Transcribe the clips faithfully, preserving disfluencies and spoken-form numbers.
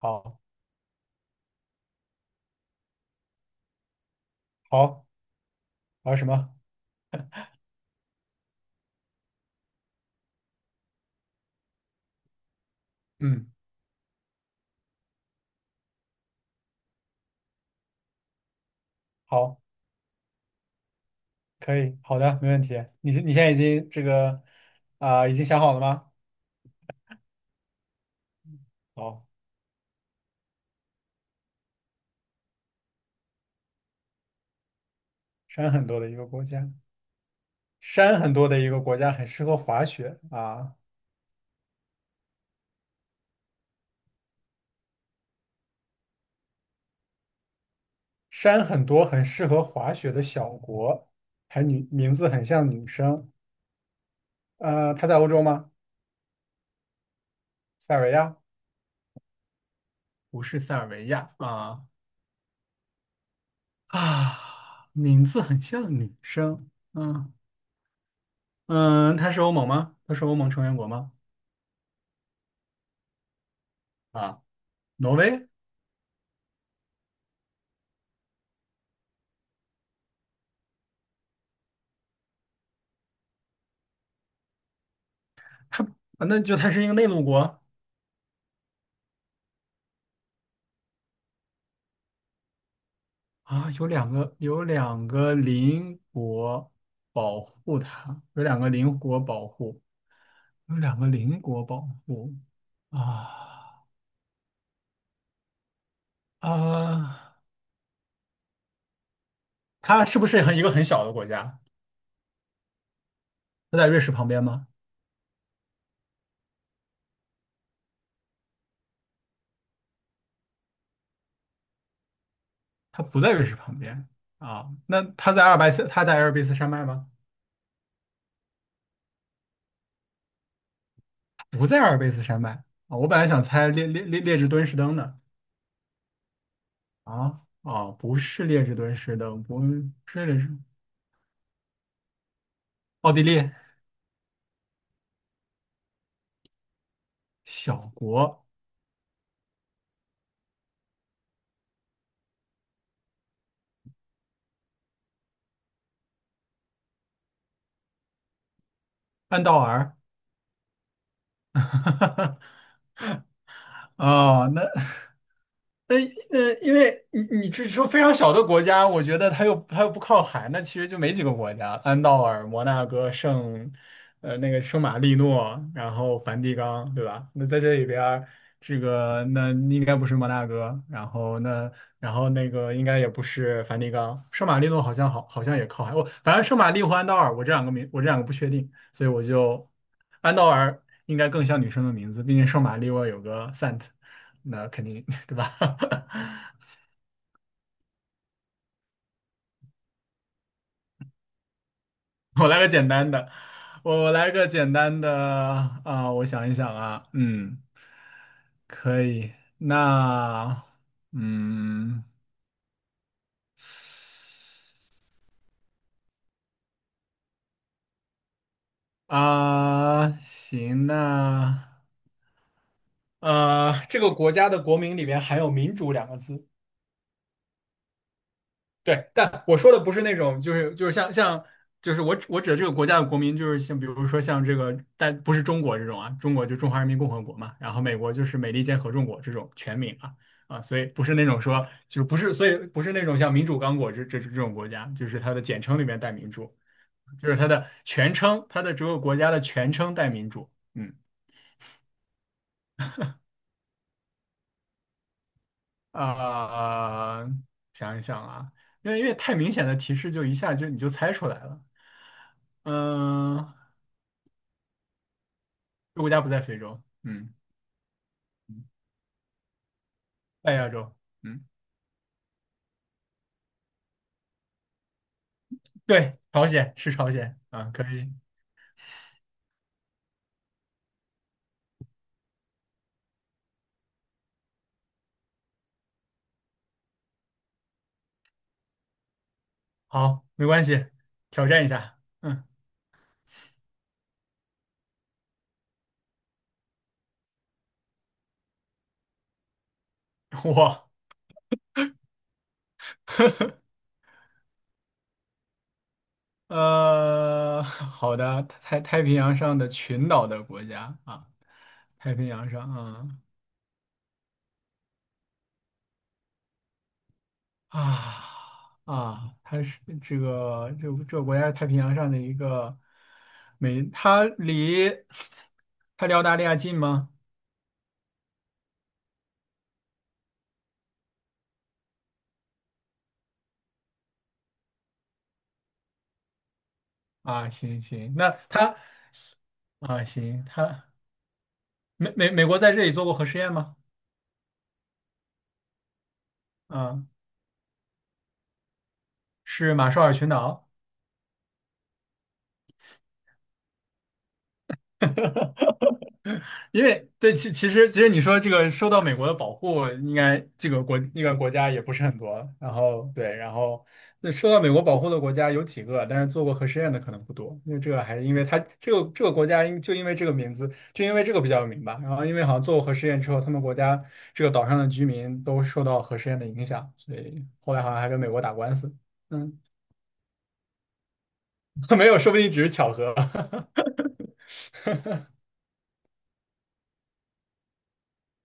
好，好，玩什么？嗯，好，可以，好的，没问题。你现你现在已经这个啊、已经想好了吗？好，山很多的一个国家，山很多的一个国家很适合滑雪啊，山很多很适合滑雪的小国，还女名字很像女生。呃，它在欧洲吗？塞尔维亚？不是塞尔维亚啊啊，名字很像女生。嗯嗯，它是欧盟吗？它是欧盟成员国吗？啊。挪威，它啊那就它是一个内陆国。啊，有两个有两个邻国保护它，有两个邻国保护，有两个邻国保护啊啊，它是不是很一个很小的国家？它在瑞士旁边吗？它不在瑞士旁边。啊，那它在阿尔卑斯，它在阿尔卑斯山脉吗？不在阿尔卑斯山脉。啊，我本来想猜列列列列支敦士登的。啊。啊，不是列支敦士登，不是列支，奥地利，小国，安道尔。哦，那呃呃，因为你你只说非常小的国家，我觉得它又它又不靠海，那其实就没几个国家：安道尔、摩纳哥、圣，呃，那个圣马力诺，然后梵蒂冈，对吧？那在这里边儿，这个那应该不是摩纳哥，然后那然后那个应该也不是梵蒂冈，圣马力诺好像好好像也靠海，我反正圣马力和安道尔，我这两个名我这两个不确定，所以我就安道尔应该更像女生的名字，毕竟圣马力诺有个 Sant。那肯定 对吧？我来个简单的，我我来个简单的啊，我想一想啊，嗯，可以，那嗯啊，行，那呃，这个国家的国名里边含有"民主"两个字。对，但我说的不是那种，就是就是像像，就是我指我指的这个国家的国民，就是像比如说像这个，但不是中国这种啊，中国就中华人民共和国嘛，然后美国就是美利坚合众国这种全名啊啊，所以不是那种说就是不是，所以不是那种像民主刚果这这这种国家，就是它的简称里面带民主，就是它的全称，它的这个国家的全称带民主。嗯啊、想一想啊，因为因为太明显的提示就一下就你就猜出来了。嗯，这国家不在非洲，嗯，在亚洲，嗯，对，朝鲜是朝鲜啊，可以。好，没关系，挑战一下，嗯，我，呃，好的，太太平洋上的群岛的国家啊，太平洋上，嗯。啊啊，它是这个这这个国家是太平洋上的一个美，它离 它离澳大利亚近吗？啊，行行，那它啊行，它。美美美国在这里做过核试验吗？啊，是马绍尔群岛。因为对，其其实其实你说这个受到美国的保护，应该这个国那个国家也不是很多。然后对，然后那受到美国保护的国家有几个，但是做过核试验的可能不多。因为这个还因为它这个这个国家因就因为这个名字，就因为这个比较有名吧。然后因为好像做过核试验之后，他们国家这个岛上的居民都受到核试验的影响，所以后来好像还跟美国打官司。嗯，没有，说不定只是巧合。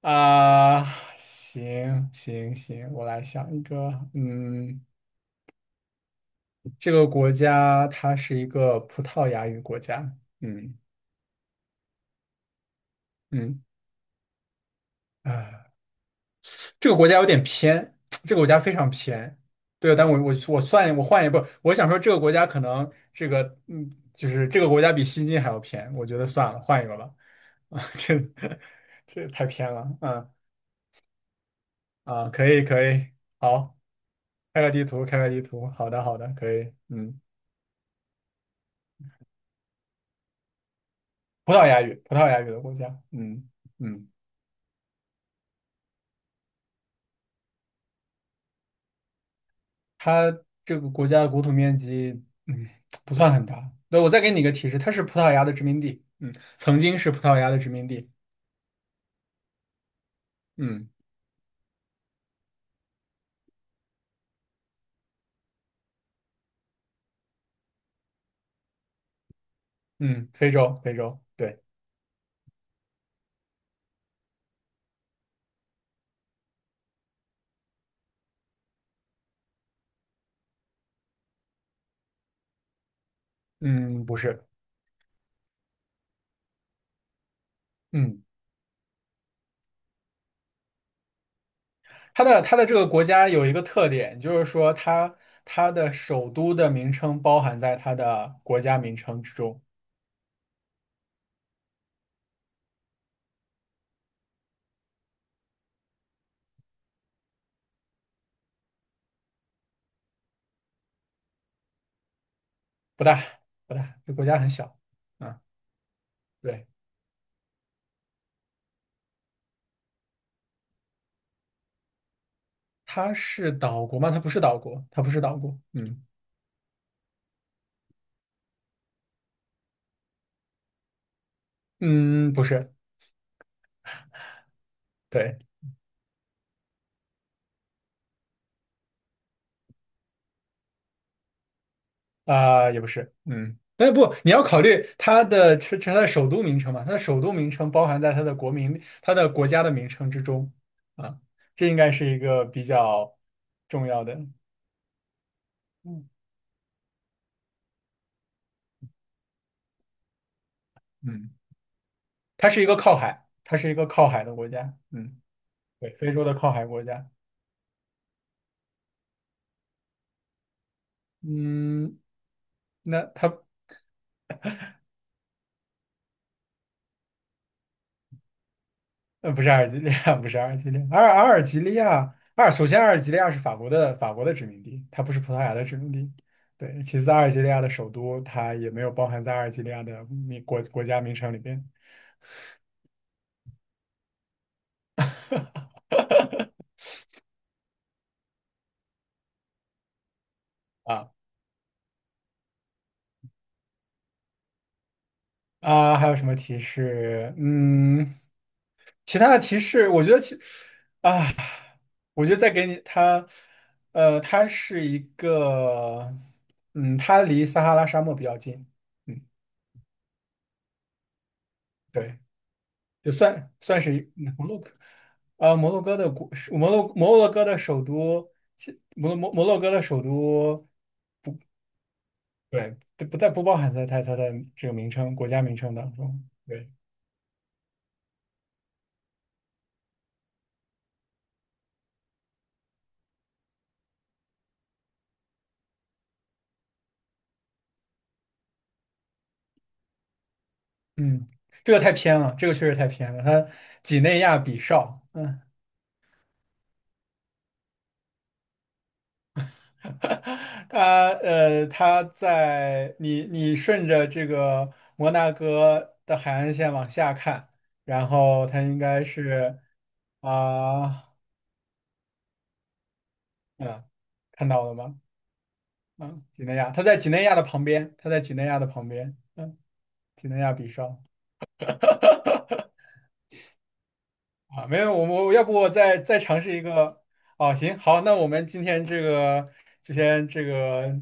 啊，行行行，我来想一个，嗯，这个国家它是一个葡萄牙语国家。嗯嗯，啊，这个国家有点偏，这个国家非常偏，对，但我我我算我换一步，我想说这个国家可能这个嗯，就是这个国家比西京还要偏，我觉得算了，换一个吧。啊，这这太偏了，嗯。啊，可以可以，好，开个地图，开个地图，好的好的，可以，嗯。葡萄牙语，葡萄牙语的国家，嗯嗯，它这个国家的国土面积，嗯，不算很大。那我再给你一个提示，它是葡萄牙的殖民地，嗯，曾经是葡萄牙的殖民地，嗯嗯，非洲，非洲，对。嗯，不是，嗯，它的它的这个国家有一个特点，就是说它它的首都的名称包含在它的国家名称之中。不大不大，这国家很小，啊，对。它是岛国吗？它不是岛国，它不是岛国，嗯。嗯，不是，对，啊、也不是，嗯，但是不，你要考虑它的成是它的首都名称嘛，它的首都名称包含在它的国民、它的国家的名称之中。啊，这应该是一个比较重要的，嗯。嗯它是一个靠海，它是一个靠海的国家，嗯，对，非洲的靠海国家，嗯，那它呃，不是阿尔及利亚。不是阿尔及利亚，阿尔阿尔及利亚，阿尔首先阿尔及利亚是法国的法国的殖民地，它不是葡萄牙的殖民地。对，其次阿尔及利亚的首都它也没有包含在阿尔及利亚的名国国家名称里边。啊啊，还有什么提示？嗯，其他的提示，我觉得其我觉得再给你它，呃，它是一个，嗯，它离撒哈拉沙漠比较近，嗯，对。就算算是一摩洛哥。啊，摩洛哥的国，是摩洛摩洛哥的首都，其摩摩摩洛哥的首都，对，这不在不包含在它它的这个名称国家名称当中。对，嗯，这个太偏了，这个确实太偏了。它几内亚比绍，嗯。它呃，它在你你顺着这个摩纳哥的海岸线往下看，然后它应该是啊，嗯，看到了吗？嗯，几内亚，他在几内亚的旁边，他在几内亚的旁边，嗯，几内亚比绍。啊，没有，我我要不我再再尝试一个。哦，行，好，那我们今天这个就先这个，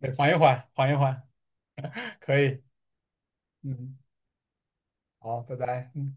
对缓一缓，缓一缓，可以，嗯，好，拜拜。嗯。